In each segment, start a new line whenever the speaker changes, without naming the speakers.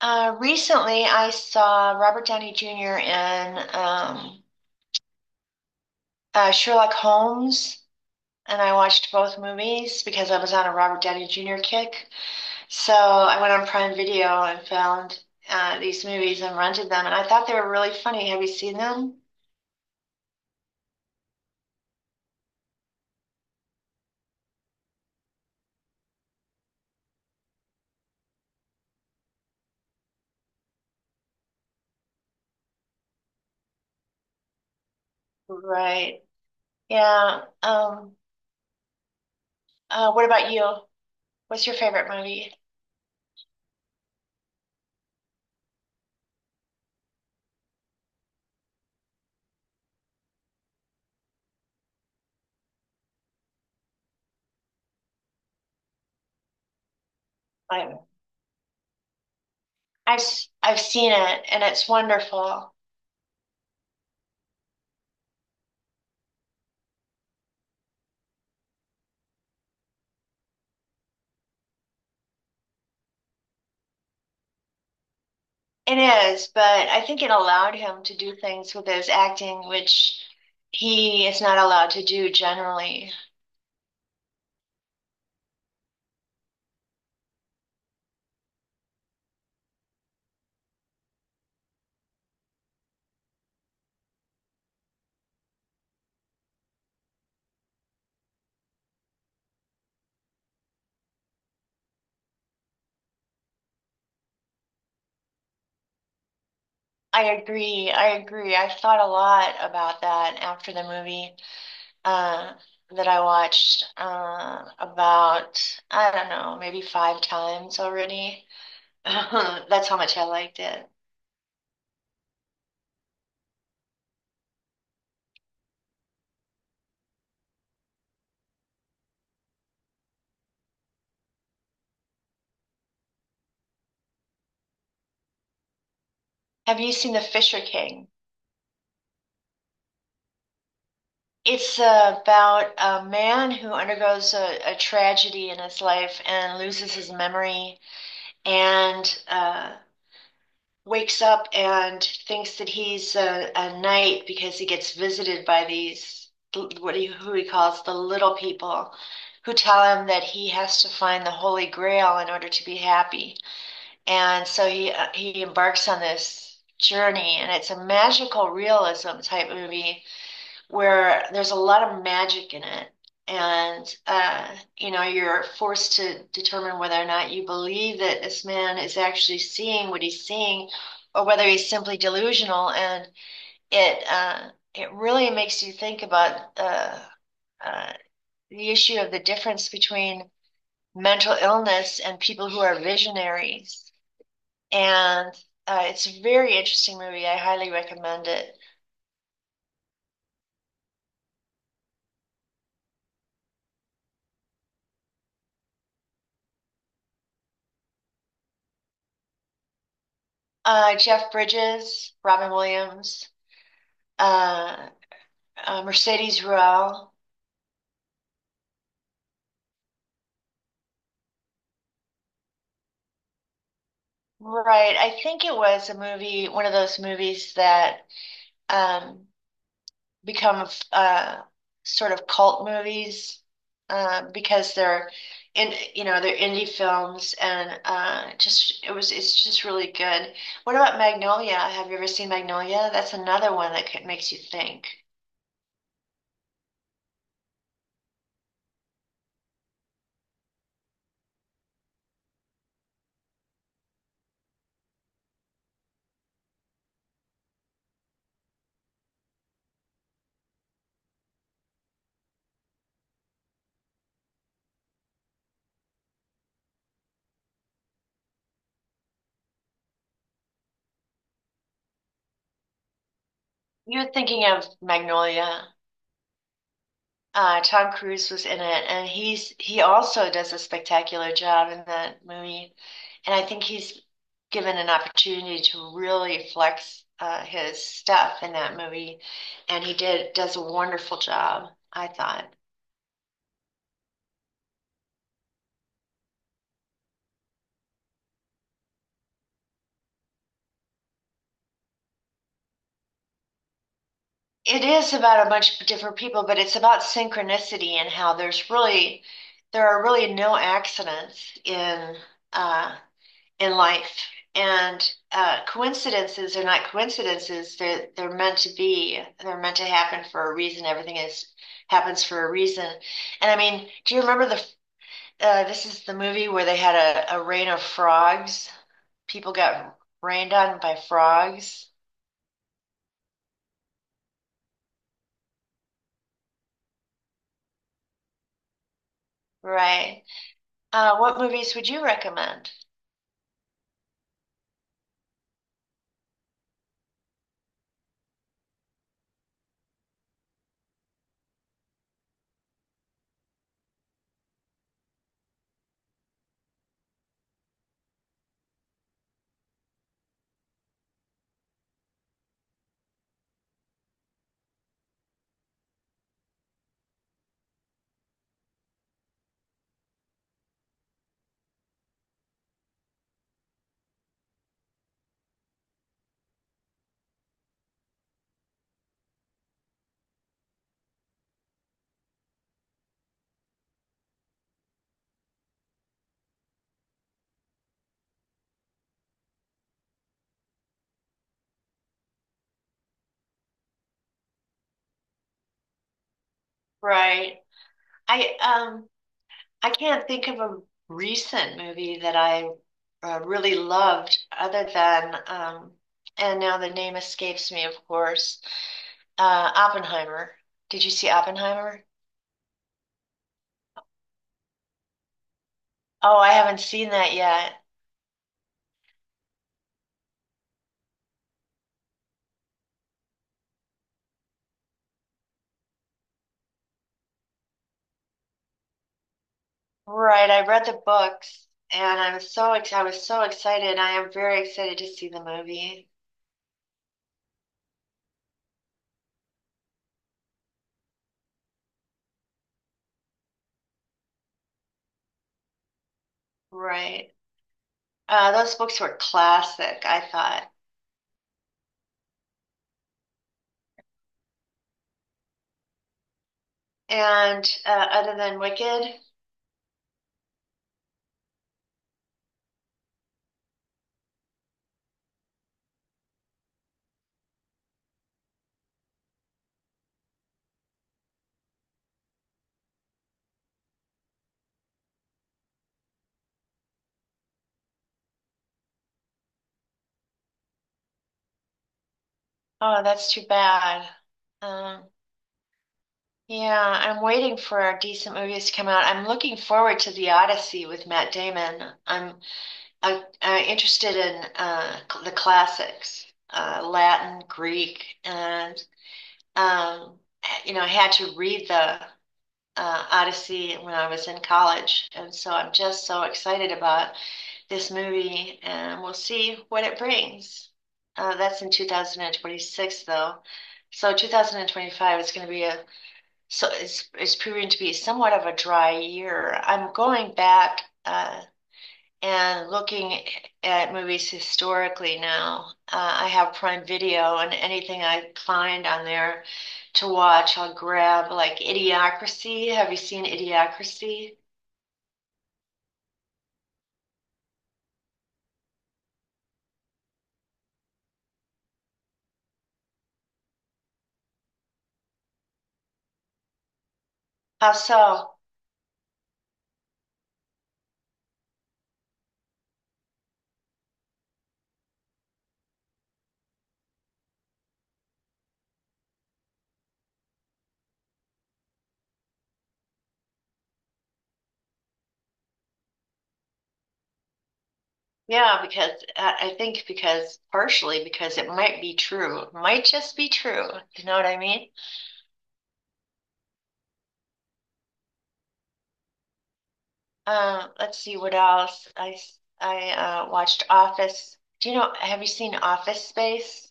Recently, I saw Robert Downey Jr. in Sherlock Holmes, and I watched both movies because I was on a Robert Downey Jr. kick. So I went on Prime Video and found these movies and rented them, and I thought they were really funny. Have you seen them? Right. Yeah. What about you? What's your favorite movie? I, I've seen it, and it's wonderful. It is, but I think it allowed him to do things with his acting, which he is not allowed to do generally. I agree. I agree. I thought a lot about that after the movie uh, that I watched about, I don't know, maybe five times already. That's how much I liked it. Have you seen The Fisher King? It's about a man who undergoes a tragedy in his life and loses his memory and wakes up and thinks that he's a knight because he gets visited by these what he who he calls the little people who tell him that he has to find the Holy Grail in order to be happy. And so he embarks on this journey, and it's a magical realism type movie where there's a lot of magic in it. And You know, you're forced to determine whether or not you believe that this man is actually seeing what he's seeing, or whether he's simply delusional. And it uh, it really makes you think about uh, the issue of the difference between mental illness and people who are visionaries. And it's a very interesting movie. I highly recommend it. Jeff Bridges, Robin Williams, uh, Mercedes Ruehl. Right. I think it was a movie, one of those movies that um, become sort of cult movies because they're you know, they're indie films and just it was it's just really good. What about Magnolia? Have you ever seen Magnolia? That's another one that ca- makes you think. You're thinking of Magnolia. Tom Cruise was in it, and he also does a spectacular job in that movie. And I think he's given an opportunity to really flex his stuff in that movie, and he did does a wonderful job, I thought. It is about a bunch of different people, but it's about synchronicity and how there are really no accidents uh, in life. And coincidences are not coincidences. They're meant to be, they're meant to happen for a reason. Everything is happens for a reason. And I mean, do you remember this is the movie where they had a rain of frogs? People got rained on by frogs, right? What movies would you recommend? Right. I, um, I can't think of a recent movie that I really loved other than, and now the name escapes me, of course, Oppenheimer. Did you see Oppenheimer? Oh, I haven't seen that yet. Right, I read the books and I was so excited. I am very excited to see the movie. Right. Those books were classic, I thought. And other than Wicked, oh, that's too bad. Um, Yeah, I'm waiting for decent movies to come out. I'm looking forward to The Odyssey with Matt Damon. I'm I'm interested in the classics, Latin, Greek, and um, you know, I had to read the Odyssey when I was in college, and so I'm just so excited about this movie, and we'll see what it brings. That's in 2026, though. So 2025 is going to be a so it's proving to be somewhat of a dry year. I'm going back and looking at movies historically now. I have Prime Video, and anything I find on there to watch, I'll grab. Like Idiocracy. Have you seen Idiocracy? How so? Yeah, because I think because partially because it might be true. It might just be true. You know what I mean? Let's see what else. I watched Office. Have you seen Office Space?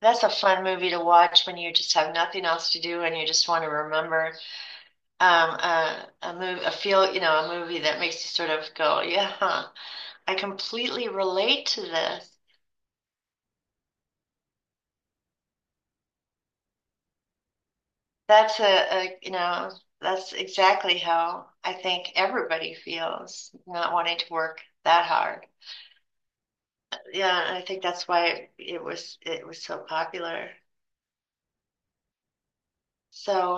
That's a fun movie to watch when you just have nothing else to do and you just want to remember a movie, a feel, you know, a movie that makes you sort of go, yeah, huh, I completely relate to this. You know, that's exactly how I think everybody feels, not wanting to work that hard. Yeah, I think that's why it was so popular. So